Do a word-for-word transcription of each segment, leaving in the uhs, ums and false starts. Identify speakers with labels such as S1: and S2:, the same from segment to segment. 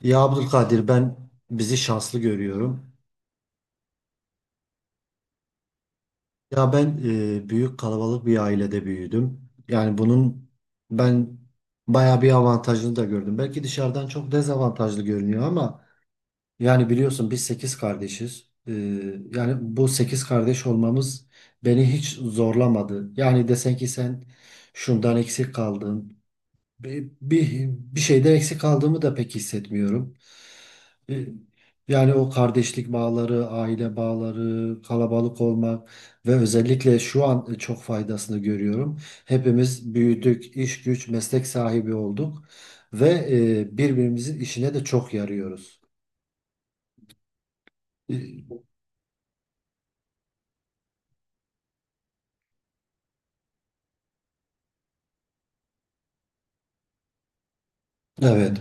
S1: Ya Abdülkadir ben bizi şanslı görüyorum. Ya ben e, büyük kalabalık bir ailede büyüdüm. Yani bunun ben bayağı bir avantajını da gördüm. Belki dışarıdan çok dezavantajlı görünüyor ama yani biliyorsun biz sekiz kardeşiz. E, yani bu sekiz kardeş olmamız beni hiç zorlamadı. Yani desen ki sen şundan eksik kaldın. Bir, bir, bir şeyden eksik kaldığımı da pek hissetmiyorum. E, Yani o kardeşlik bağları, aile bağları, kalabalık olmak ve özellikle şu an çok faydasını görüyorum. Hepimiz büyüdük, iş güç, meslek sahibi olduk ve e, birbirimizin işine de çok yarıyoruz. E, Evet.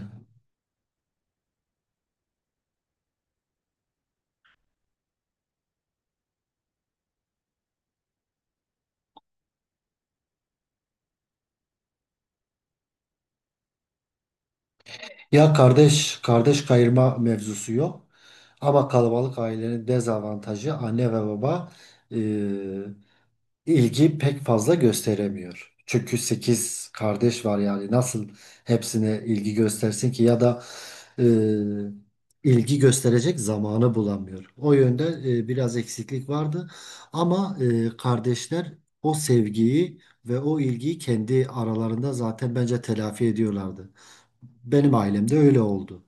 S1: Ya kardeş kardeş kayırma mevzusu yok. Ama kalabalık ailenin dezavantajı anne ve baba e, ilgi pek fazla gösteremiyor. Çünkü sekiz kardeş var yani nasıl hepsine ilgi göstersin ki ya da e, ilgi gösterecek zamanı bulamıyor. O yönde e, biraz eksiklik vardı ama e, kardeşler o sevgiyi ve o ilgiyi kendi aralarında zaten bence telafi ediyorlardı. Benim ailemde öyle oldu.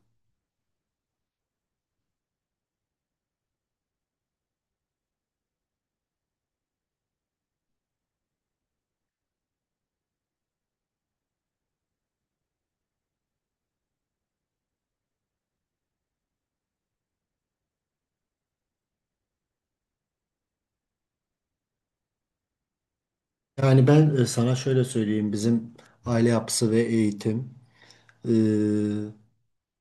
S1: Yani ben e, sana şöyle söyleyeyim bizim aile yapısı ve eğitim. e,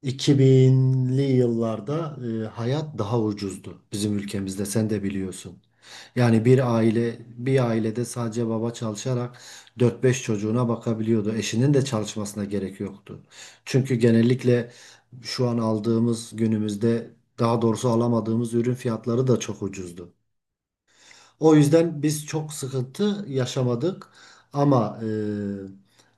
S1: iki binli yıllarda e, hayat daha ucuzdu bizim ülkemizde sen de biliyorsun. Yani bir aile bir ailede sadece baba çalışarak dört beş çocuğuna bakabiliyordu. Eşinin de çalışmasına gerek yoktu. Çünkü genellikle şu an aldığımız günümüzde daha doğrusu alamadığımız ürün fiyatları da çok ucuzdu. O yüzden biz çok sıkıntı yaşamadık. Ama e,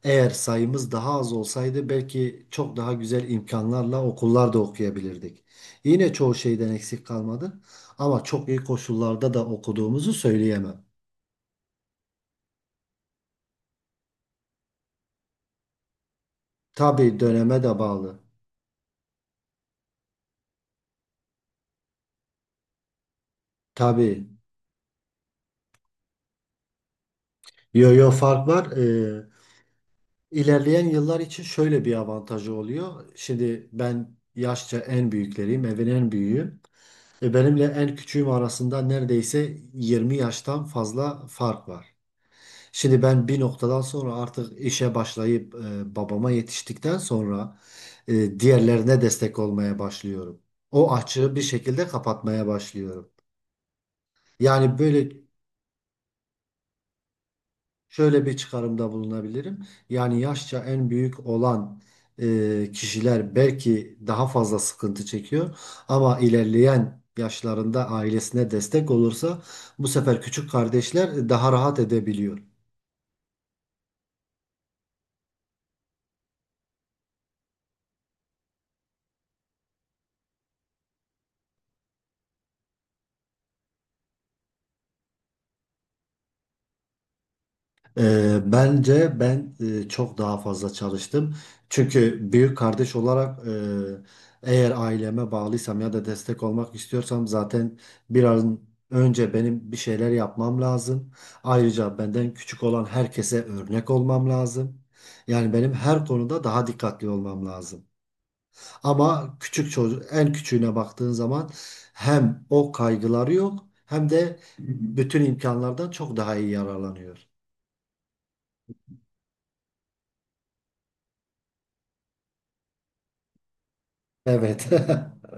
S1: eğer sayımız daha az olsaydı belki çok daha güzel imkanlarla okullarda okuyabilirdik. Yine çoğu şeyden eksik kalmadı. Ama çok iyi koşullarda da okuduğumuzu söyleyemem. Tabii döneme de bağlı. Tabii. Yo yo fark var. Ee, ilerleyen yıllar için şöyle bir avantajı oluyor. Şimdi ben yaşça en büyükleriyim, evin en büyüğü. E, Benimle en küçüğüm arasında neredeyse yirmi yaştan fazla fark var. Şimdi ben bir noktadan sonra artık işe başlayıp e, babama yetiştikten sonra e, diğerlerine destek olmaya başlıyorum. O açığı bir şekilde kapatmaya başlıyorum. Yani böyle. Şöyle bir çıkarımda bulunabilirim. Yani yaşça en büyük olan e, kişiler belki daha fazla sıkıntı çekiyor ama ilerleyen yaşlarında ailesine destek olursa bu sefer küçük kardeşler daha rahat edebiliyor. Ee, bence ben e, çok daha fazla çalıştım. Çünkü büyük kardeş olarak e, eğer aileme bağlıysam ya da destek olmak istiyorsam zaten biraz önce benim bir şeyler yapmam lazım. Ayrıca benden küçük olan herkese örnek olmam lazım. Yani benim her konuda daha dikkatli olmam lazım. Ama küçük çocuk en küçüğüne baktığın zaman hem o kaygıları yok hem de bütün imkanlardan çok daha iyi yararlanıyor. Evet.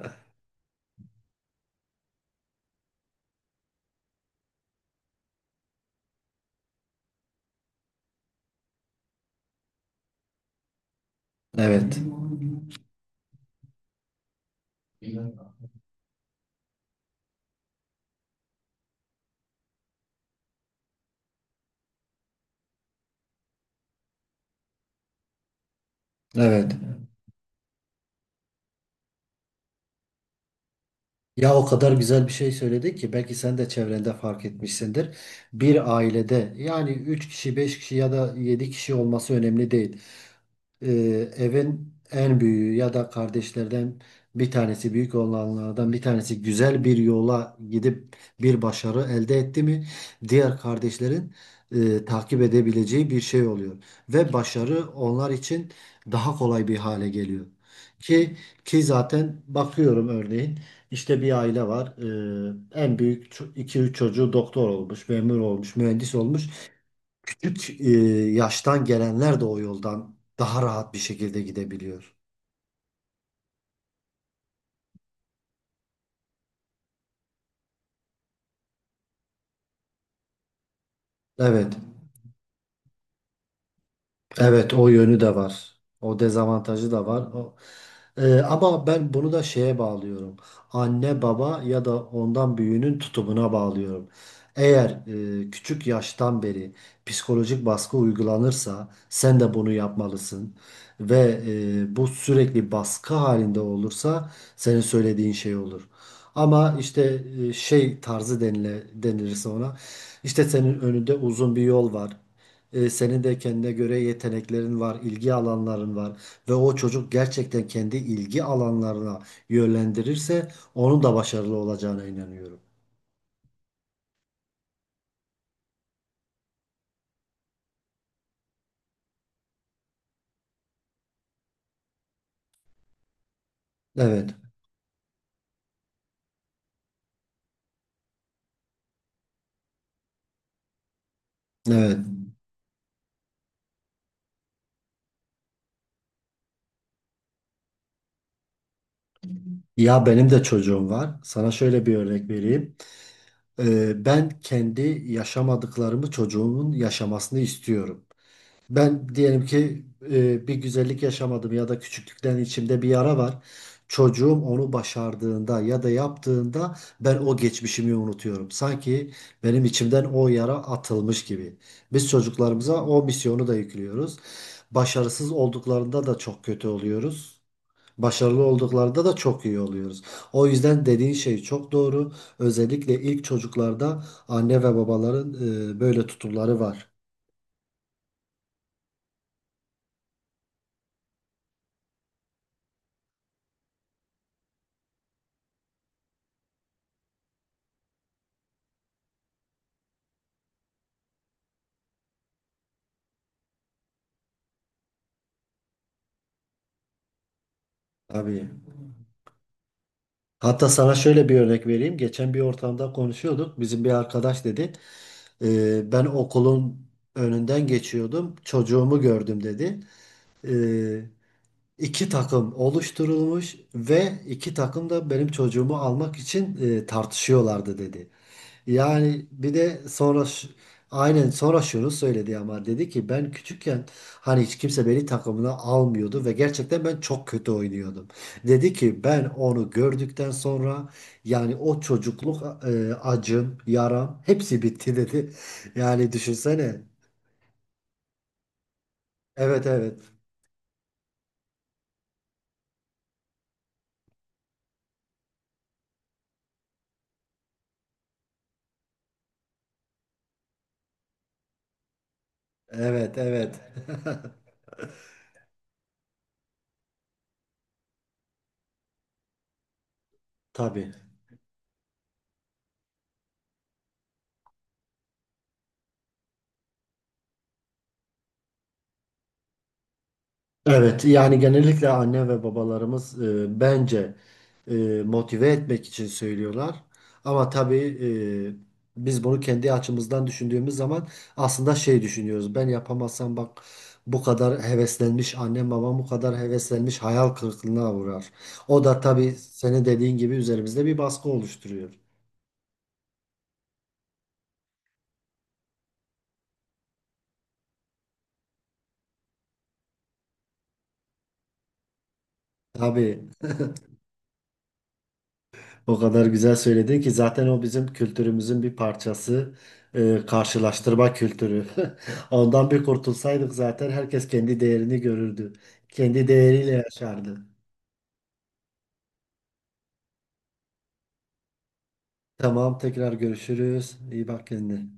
S1: Evet. Evet. Ya o kadar güzel bir şey söyledi ki belki sen de çevrende fark etmişsindir. Bir ailede yani üç kişi, beş kişi ya da yedi kişi olması önemli değil. e, Evin en büyüğü ya da kardeşlerden bir tanesi büyük olanlardan bir tanesi güzel bir yola gidip bir başarı elde etti mi diğer kardeşlerin e, takip edebileceği bir şey oluyor ve başarı onlar için daha kolay bir hale geliyor. Ki ki zaten bakıyorum örneğin işte bir aile var. E, en büyük iki üç çocuğu doktor olmuş, memur olmuş, mühendis olmuş küçük e, yaştan gelenler de o yoldan daha rahat bir şekilde gidebiliyor. Evet. Evet o yönü de var. O dezavantajı da var. O, Ee, ama ben bunu da şeye bağlıyorum. Anne baba ya da ondan büyüğünün tutumuna bağlıyorum. Eğer e, küçük yaştan beri psikolojik baskı uygulanırsa sen de bunu yapmalısın. Ve e, bu sürekli baskı halinde olursa senin söylediğin şey olur. Ama işte e, şey tarzı denile, denilirse ona işte senin önünde uzun bir yol var. E, senin de kendine göre yeteneklerin var, ilgi alanların var ve o çocuk gerçekten kendi ilgi alanlarına yönlendirirse onun da başarılı olacağına inanıyorum. Evet, evet. Ya benim de çocuğum var. Sana şöyle bir örnek vereyim. E, ben kendi yaşamadıklarımı çocuğumun yaşamasını istiyorum. Ben diyelim ki e, bir güzellik yaşamadım ya da küçüklükten içimde bir yara var. Çocuğum onu başardığında ya da yaptığında ben o geçmişimi unutuyorum. Sanki benim içimden o yara atılmış gibi. Biz çocuklarımıza o misyonu da yüklüyoruz. Başarısız olduklarında da çok kötü oluyoruz. Başarılı olduklarında da çok iyi oluyoruz. O yüzden dediğin şey çok doğru. Özellikle ilk çocuklarda anne ve babaların e, böyle tutumları var. Tabii. Hatta sana şöyle bir örnek vereyim. Geçen bir ortamda konuşuyorduk. Bizim bir arkadaş dedi. "Ee, ben okulun önünden geçiyordum. Çocuğumu gördüm dedi. Ee, iki takım oluşturulmuş ve iki takım da benim çocuğumu almak için e, tartışıyorlardı dedi. Yani bir de sonra ş- aynen sonra şunu söyledi ama dedi ki ben küçükken hani hiç kimse beni takımına almıyordu ve gerçekten ben çok kötü oynuyordum. Dedi ki ben onu gördükten sonra yani o çocukluk e, acım, yaram hepsi bitti dedi. Yani düşünsene. Evet, evet. Evet, evet. Tabii. Evet, yani genellikle anne ve babalarımız e, bence e, motive etmek için söylüyorlar. Ama tabii e, biz bunu kendi açımızdan düşündüğümüz zaman aslında şey düşünüyoruz. Ben yapamazsam bak bu kadar heveslenmiş annem babam bu kadar heveslenmiş hayal kırıklığına uğrar. O da tabii senin dediğin gibi üzerimizde bir baskı oluşturuyor. Tabii. O kadar güzel söyledin ki zaten o bizim kültürümüzün bir parçası. Ee, karşılaştırma kültürü. Ondan bir kurtulsaydık zaten herkes kendi değerini görürdü. Kendi değeriyle yaşardı. Tamam tekrar görüşürüz. İyi bak kendine.